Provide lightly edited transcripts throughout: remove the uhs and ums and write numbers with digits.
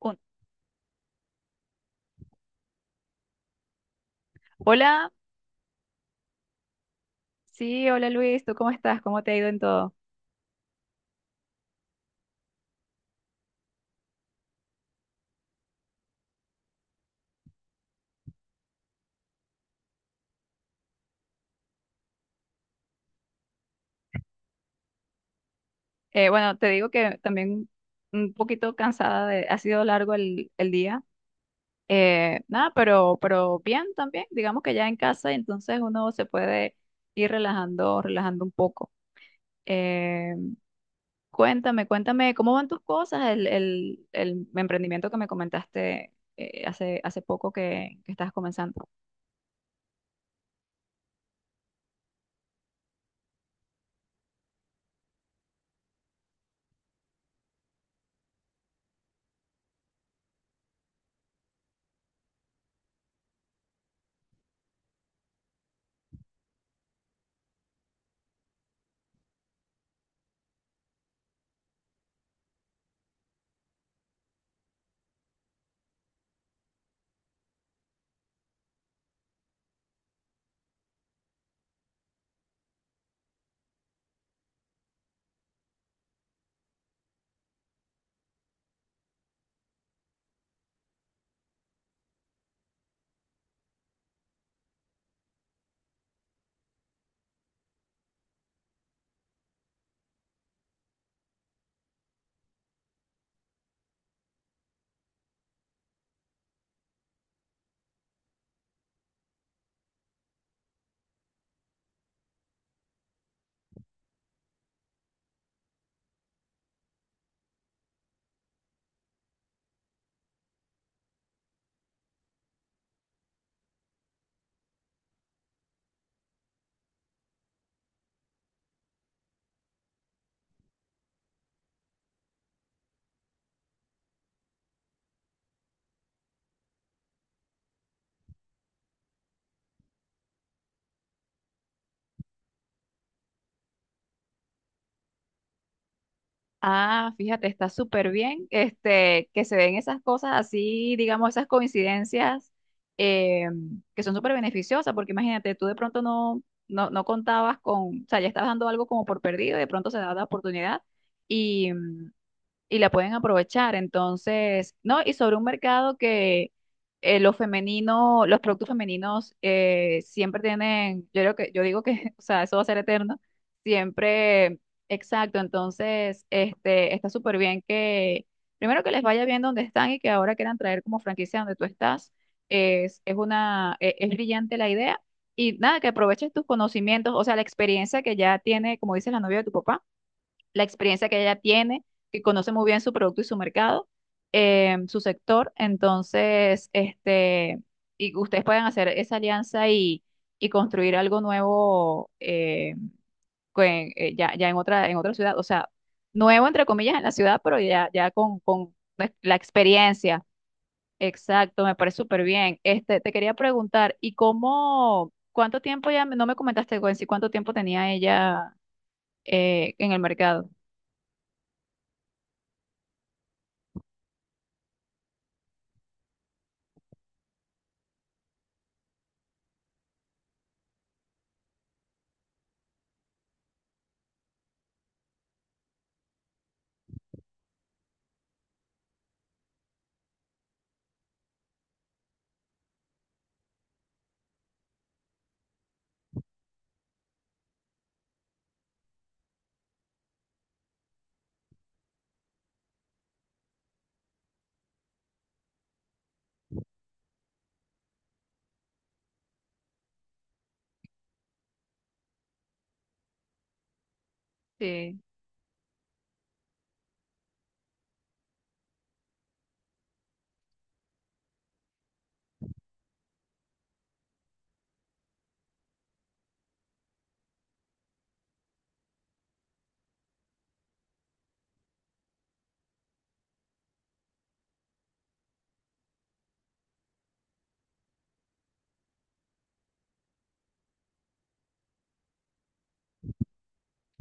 Un- Hola. Sí, hola Luis, ¿tú cómo estás? ¿Cómo te ha ido en todo? Bueno, te digo que también un poquito cansada de, ha sido largo el día. Nada, pero bien también, digamos que ya en casa, entonces uno se puede ir relajando, relajando un poco. Eh, Cuéntame, cuéntame, ¿cómo van tus cosas? El emprendimiento que me comentaste, hace poco, que estás comenzando. Ah, fíjate, está súper bien, este, que se den esas cosas así, digamos, esas coincidencias, eh, que son súper beneficiosas, porque imagínate, tú de pronto no contabas con, o sea, ya estabas dando algo como por perdido y de pronto se da la oportunidad y la pueden aprovechar. Entonces, ¿no? Y sobre un mercado que, lo femenino, los productos femeninos siempre tienen, yo creo que, yo digo que, o sea, eso va a ser eterno, siempre, exacto. Entonces, este, está súper bien que primero que les vaya bien donde están y que ahora quieran traer como franquicia donde tú estás, es brillante la idea. Y nada, que aproveches tus conocimientos, o sea, la experiencia que ya tiene, como dices, la novia de tu papá, la experiencia que ella tiene, que conoce muy bien su producto y su mercado, su sector. Entonces, este, y ustedes pueden hacer esa alianza y construir algo nuevo, ya en otra ciudad. O sea, nuevo entre comillas en la ciudad, pero ya con pues, la experiencia. Exacto, me parece súper bien. Este, te quería preguntar, ¿y cómo, cuánto tiempo ya, no me comentaste, Gwen, si ¿cuánto tiempo tenía ella, en el mercado? Sí.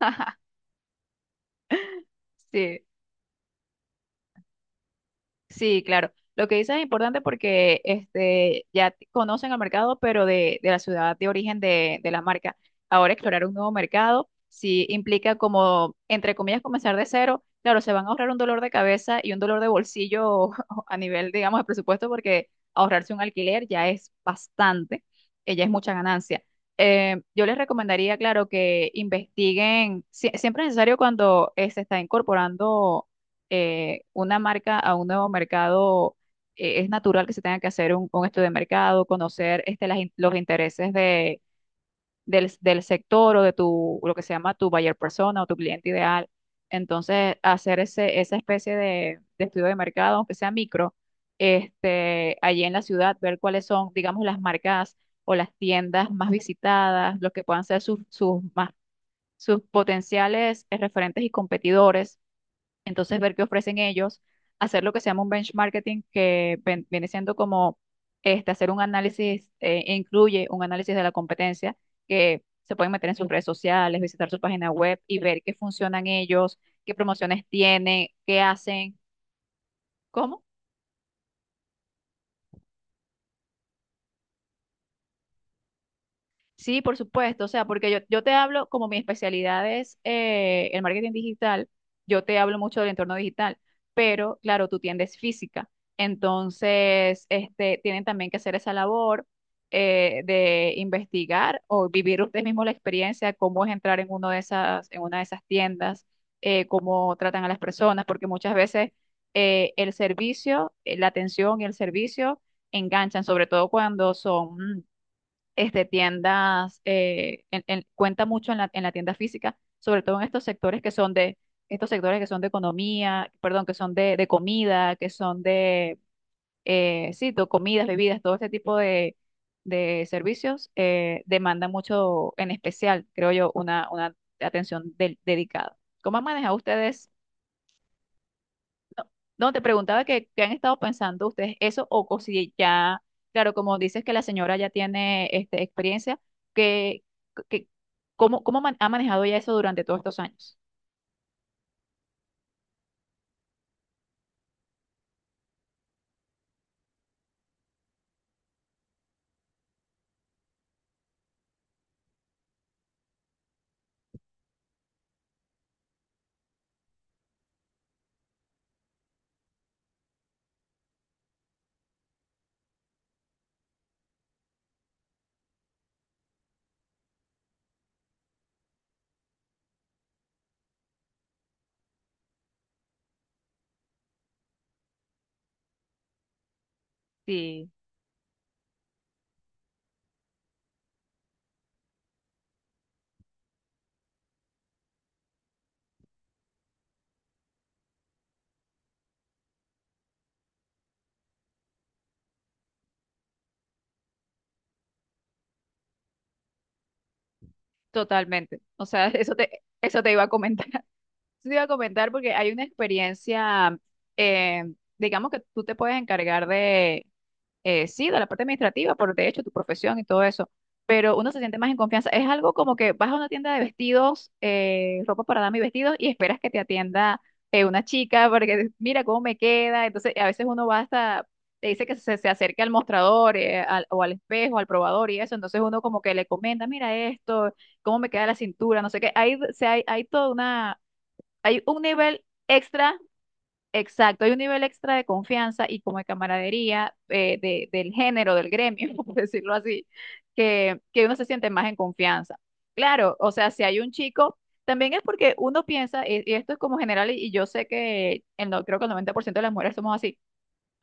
Sí, sí, claro. Lo que dices es importante porque, este, ya conocen el mercado, pero de la ciudad de origen, de la marca. Ahora explorar un nuevo mercado sí implica, como, entre comillas, comenzar de cero. Claro, se van a ahorrar un dolor de cabeza y un dolor de bolsillo a nivel, digamos, de presupuesto, porque ahorrarse un alquiler ya es bastante, ya es mucha ganancia. Yo les recomendaría, claro, que investiguen, siempre es necesario cuando, se está incorporando, una marca a un nuevo mercado, es natural que se tenga que hacer un estudio de mercado, conocer, este, las los intereses del sector, o de tu, lo que se llama tu buyer persona o tu cliente ideal. Entonces, hacer ese, esa especie de estudio de mercado, aunque sea micro, este, allí en la ciudad, ver cuáles son, digamos, las marcas o las tiendas más visitadas, los que puedan ser sus potenciales, referentes y competidores. Entonces, ver qué ofrecen ellos, hacer lo que se llama un benchmarking, que viene siendo como, este, hacer un análisis, e incluye un análisis de la competencia, que se pueden meter en sus redes sociales, visitar su página web y ver qué funcionan ellos, qué promociones tienen, qué hacen. ¿Cómo? Sí, por supuesto, o sea, porque yo te hablo, como mi especialidad es, el marketing digital, yo te hablo mucho del entorno digital, pero, claro, tu tienda es física, entonces, este, tienen también que hacer esa labor, de investigar o vivir ustedes mismos la experiencia, cómo es entrar en, uno de esas, en una de esas tiendas, cómo tratan a las personas, porque muchas veces, el servicio, la atención y el servicio enganchan, sobre todo cuando son, este, tiendas, cuenta mucho en la, tienda física, sobre todo en estos sectores que son de, estos sectores que son de economía, perdón, que son de comida, que son de, sí, comidas, bebidas, todo este tipo de servicios, demanda mucho, en especial, creo yo, una atención dedicada. ¿Cómo han manejado ustedes? No, te preguntaba, que, ¿qué han estado pensando ustedes eso?, o, si ya, claro, como dices que la señora ya tiene, este, experiencia, que, que, ¿cómo ha manejado ya eso durante todos estos años? Sí, totalmente. O sea, eso te iba a comentar. Eso te iba a comentar porque hay una experiencia, eh, digamos que tú te puedes encargar de, sí, de la parte administrativa, por de hecho tu profesión y todo eso, pero uno se siente más en confianza. Es algo como que vas a una tienda de vestidos, ropa para dama y vestidos, y esperas que te atienda, una chica, para que mira cómo me queda. Entonces, a veces uno va hasta, te dice que se acerque al mostrador, o al espejo, al probador y eso. Entonces, uno como que le comenta: mira esto, cómo me queda la cintura, no sé qué. O sea, hay toda una, hay un nivel extra. Exacto, hay un nivel extra de confianza y como de camaradería, del género, del gremio, por decirlo así, que uno se siente más en confianza. Claro, o sea, si hay un chico, también es porque uno piensa, y esto es como general, y yo sé no, creo que el 90% de las mujeres somos así.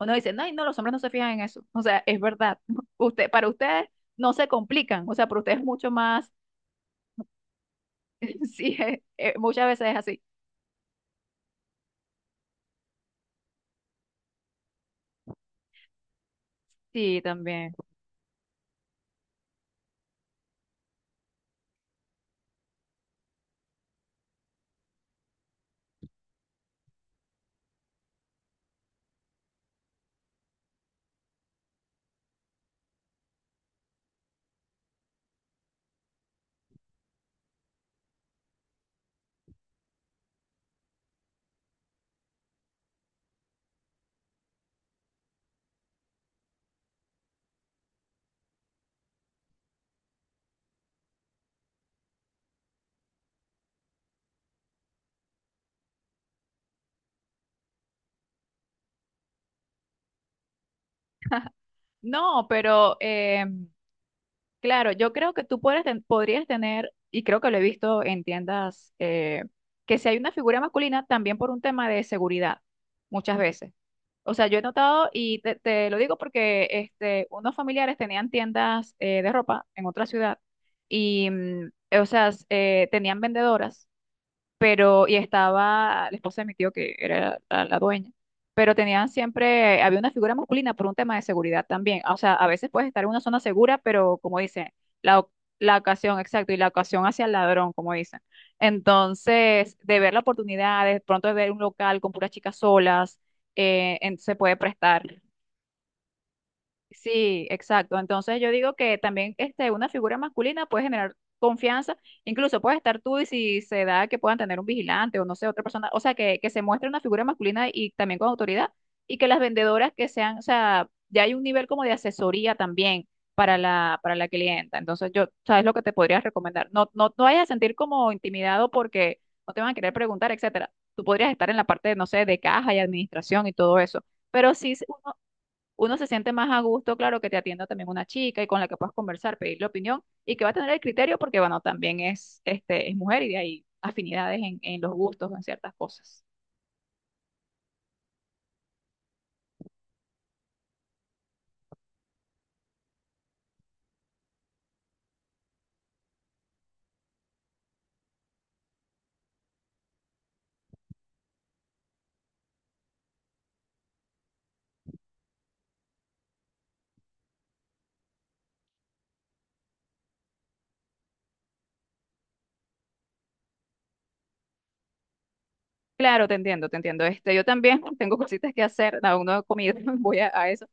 Uno dice: ay, no, los hombres no se fijan en eso. O sea, es verdad. Usted, para ustedes no se complican, o sea, para ustedes es mucho más, sí, muchas veces es así. Sí, también. No, pero, claro, yo creo que tú podrías tener, y creo que lo he visto en tiendas, que si hay una figura masculina, también por un tema de seguridad, muchas veces. O sea, yo he notado, y te lo digo porque, este, unos familiares tenían tiendas, de ropa en otra ciudad, y, o sea, tenían vendedoras, pero y estaba la esposa de mi tío, que era la dueña, pero tenían siempre, había una figura masculina por un tema de seguridad también. O sea, a veces puedes estar en una zona segura, pero, como dicen, la, oc- la ocasión, exacto, y la ocasión hacia el ladrón, como dicen. Entonces, de ver la oportunidad, de pronto de ver un local con puras chicas solas, se puede prestar. Sí, exacto. Entonces, yo digo que también, este, una figura masculina puede generar confianza, incluso puede estar tú, y si se da que puedan tener un vigilante o no sé, otra persona, o sea, que se muestre una figura masculina y también con autoridad, y que las vendedoras que sean, o sea, ya hay un nivel como de asesoría también para la, clienta. Entonces yo, ¿sabes lo que te podría recomendar? No vayas a sentir como intimidado, porque no te van a querer preguntar, etcétera. Tú podrías estar en la parte, no sé, de caja y administración y todo eso. Pero sí, uno se siente más a gusto, claro, que te atienda también una chica y con la que puedas conversar, pedirle opinión y que va a tener el criterio, porque, bueno, también es, este, es mujer, y de ahí afinidades en, los gustos, en ciertas cosas. Claro, te entiendo, te entiendo. Este, yo también tengo cositas que hacer, no, aún no he comido, voy a eso.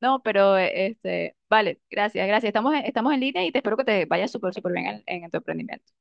No, pero, este, vale, gracias, gracias. Estamos en línea, y te espero que te vaya súper, súper bien en tu emprendimiento.